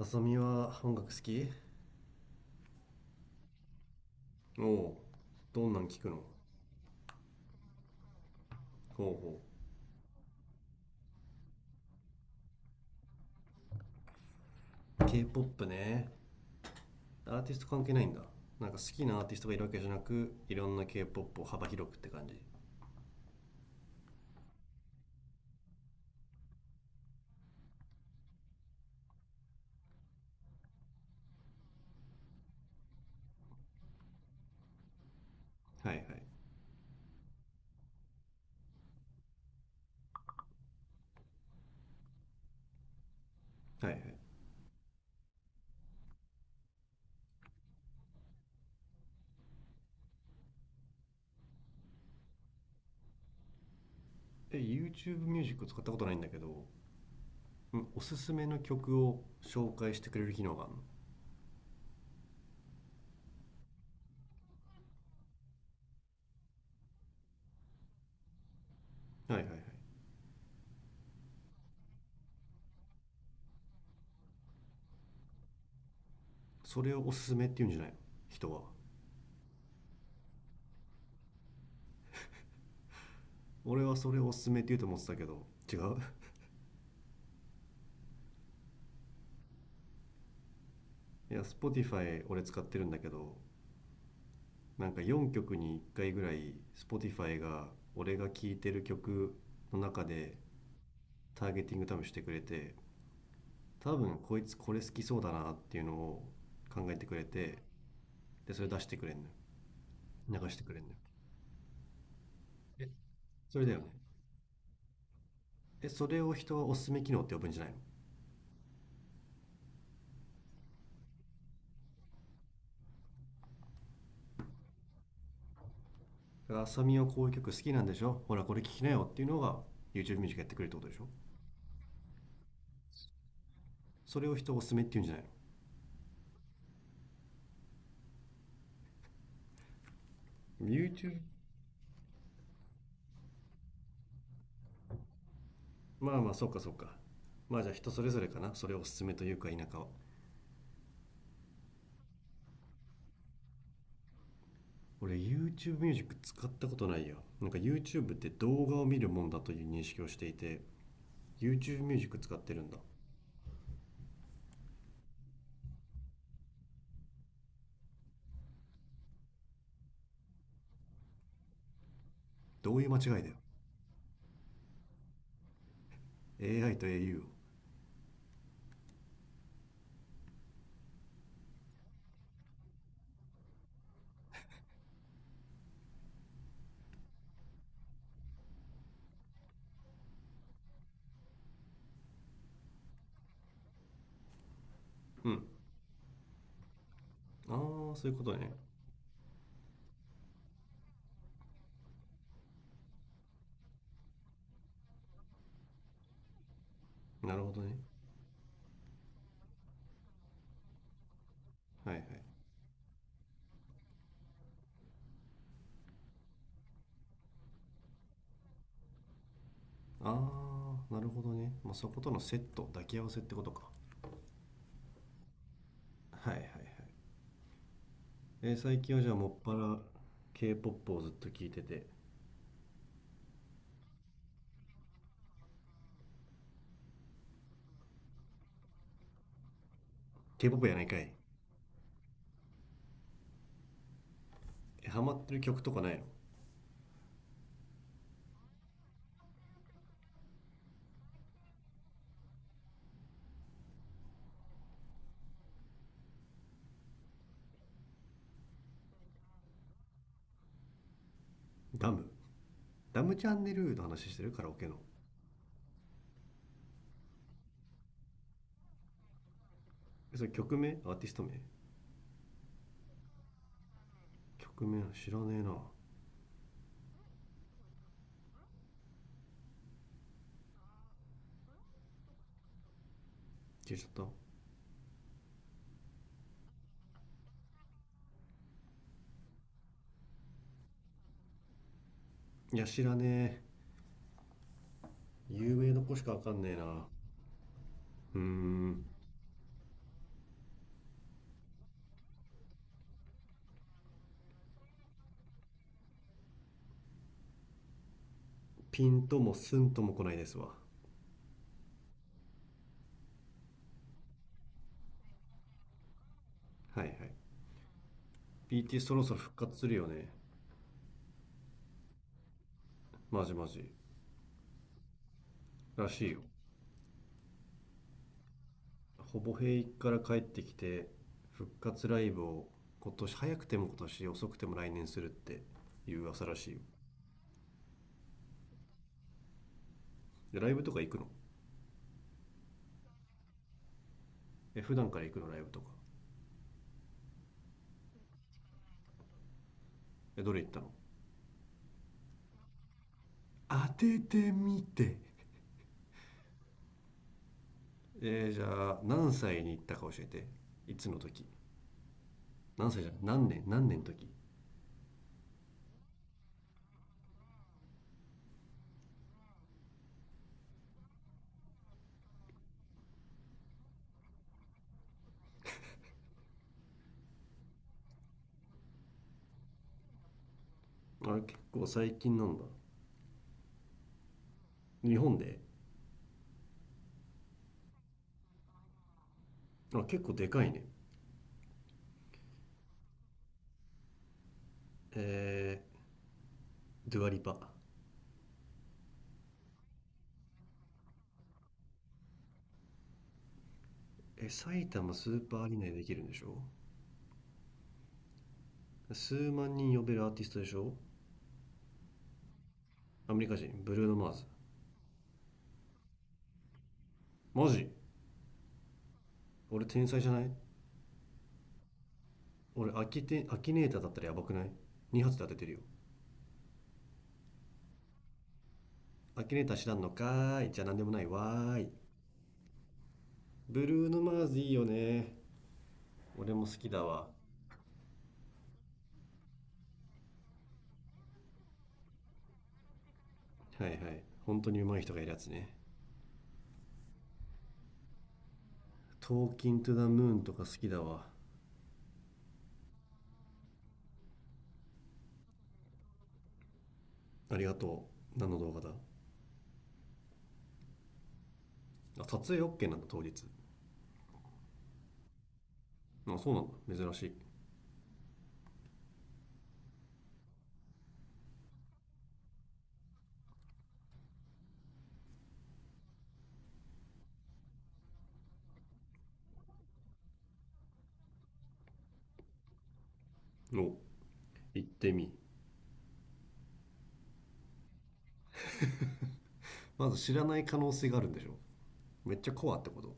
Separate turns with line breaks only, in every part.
あさみは音楽好き？おお。どんなん聞くの？ほうほう。 K-POP ね。アーティスト関係ないんだ。なんか好きなアーティストがいるわけじゃなく、いろんな K-POP を幅広くって感じ？はいはい。はいはい。え、 YouTube ミュージック使ったことないんだけど、んおすすめの曲を紹介してくれる機能があるの？はいはいはい。それをおすすめって言うんじゃないの、人は？俺はそれをおすすめって言うと思ってたけど、違う？ いや、 Spotify 俺使ってるんだけど、なんか4曲に1回ぐらい Spotify が、俺が聴いてる曲の中でターゲティング多分してくれて、多分こいつこれ好きそうだなっていうのを考えてくれて、でそれ出してくれんのよ。流してくれんのよ。それだよね。え、それを人はおすすめ機能って呼ぶんじゃないの？だから、浅見はこういう曲好きなんでしょ、ほらこれ聴きなよっていうのが YouTube ミュージックやってくれるってことでしょ？それを人おすすめって言うんじゃないの？ YouTube。 まあまあ、そうかそうか。まあじゃあ人それぞれかな、それをおすすめというか否かは。俺 YouTube ミュージック使ったことないよ。なんか YouTube って動画を見るもんだという認識をしていて、 YouTube ミュージック使ってるんだ。どういう間違いだよ。 AI と au を。うん。ああ、そういうことね。なるほどね。はいはい。ああなるほどね、まあ、そことのセット抱き合わせってことか。はいはいはい、えー最近はじゃあもっぱら k p o p をずっと聴いてて、 k p o p やないかい。え、ハマってる曲とかないの？ダム。ダムチャンネルの話してる？カラオケの？え、それ曲名？アーティスト名？曲名知らねえな。消えちゃった？いや知らねえ。有名どこしかわかんねえな。うーん。ピンともスンとも来ないですわ。はいはい、 BT そろそろ復活するよね。マジマジ。らしいよ。ほぼ平役から帰ってきて、復活ライブを今年、早くても今年、遅くても来年するっていう噂らしいよ。でライブとか行くの？え、普段から行くのライブとか？え、どれ行ったの？当ててみて？えーじゃあ何歳に行ったか教えて。いつの時？何歳じゃん、何年、何年の時。あれ、結構最近なんだ。日本で？あ、結構でかいね。えー、ドゥアリパ。え、埼玉スーパーアリーナでできるんでしょ？数万人呼べるアーティストでしょ？アメリカ人、ブルーノ・マーズ。マジ？俺天才じゃない？俺アキテアキネーターだったらやばくない？ 2 発で当ててるよ。アキネーター知らんのかーい、じゃあ何でもないわーい。ブルーノ・マーズいいよね。俺も好きだわ。はいはい、本当に上手い人がいるやつね。「トーキン・トゥ・ザ・ムーン」とか好きだわ。ありがとう。何の動画だ？あ、撮影 OK なんだ、当日。あ、そうなんだ、珍しい。お。行ってみ。まず知らない可能性があるんでしょ？めっちゃコアってこと？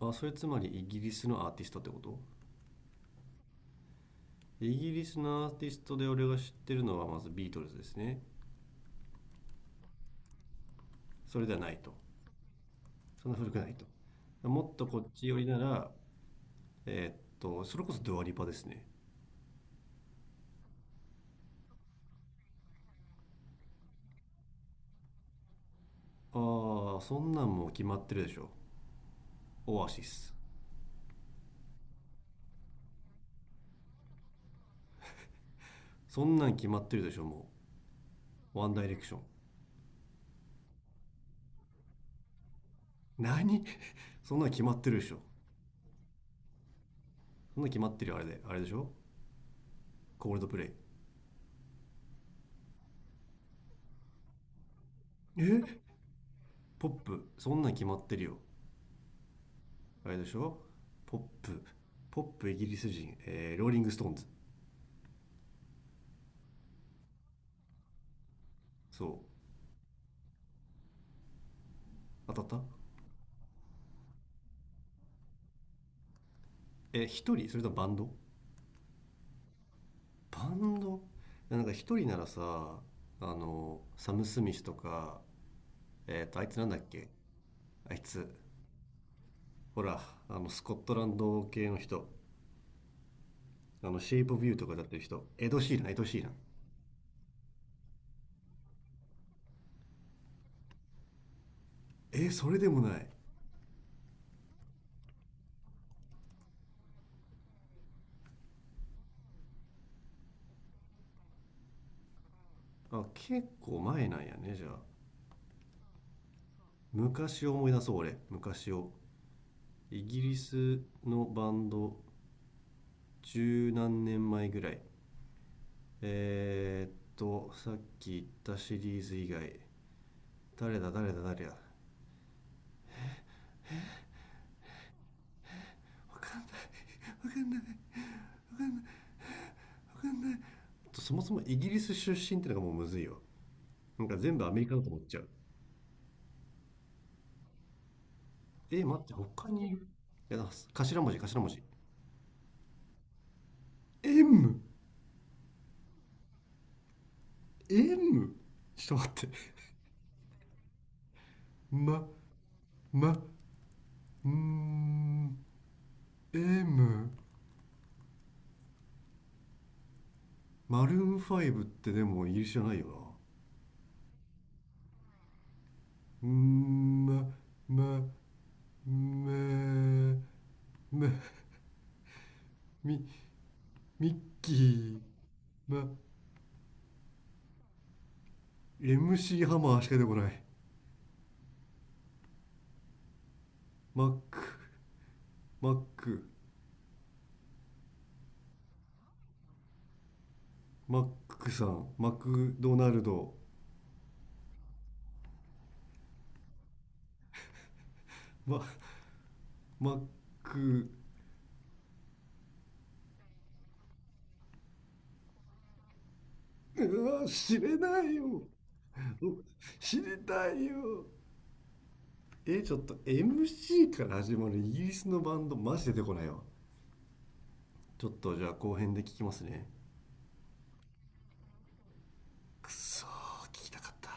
あ、それつまりイギリスのアーティストってこと？イギリスのアーティストで俺が知ってるのはまずビートルズですね。それではないと。そんな古くないと。もっとこっち寄りなら、えーっとそれこそドアリパですね。ああ、そんなんもう決まってるでしょ、オアシス。そんなん決まってるでしょ、もうワンダイレクション。何？ そんなの決まってるでしょ。そんなの決まってるよ、あれであれでしょ、コールドプレイ。え、ポップ？そんなの決まってるよ、あれでしょ、ポップ。ポップ、イギリス人、えーローリングストーンズ。そう？当たった？え、一人それともバンド？バンド。なんか一人ならさ、あの、サム・スミスとか。えっ、と、あいつなんだっけ、あいつ、ほら、あのスコットランド系の人、あのシェイプ・オブ・ユーとかだってる人、エド・シーラン、エド・シーラン。えー、それでもない。あ、結構前なんやね、じゃあ。昔を思い出そう、俺。昔を。イギリスのバンド、十何年前ぐらい。えーっと、さっき言ったシリーズ以外、誰だ、誰だ、誰だ。わかんない、わかんない、わかんない。そもそもイギリス出身ってのがもうむずいよ。なんか全部アメリカだと思っちゃう。え、待って、他にいる？いや、だ、頭文字、頭文字。M、M。ちょっと待って。ま、ま、んー、 M、 マルーンファイブってでもイギリスじゃないよ。なんー、ま、ま、め、め、み、ミッキー。ま、 MC ハマーしか出てこない。マック、マック、マックさん、マクドナルド。マ、マック。うわ、知れないよ。知りたいよ。え、ちょっと MC から始まるイギリスのバンド、マジ出てこないわ。ちょっとじゃあ後編で聞きますね。くそー、聞きたかった。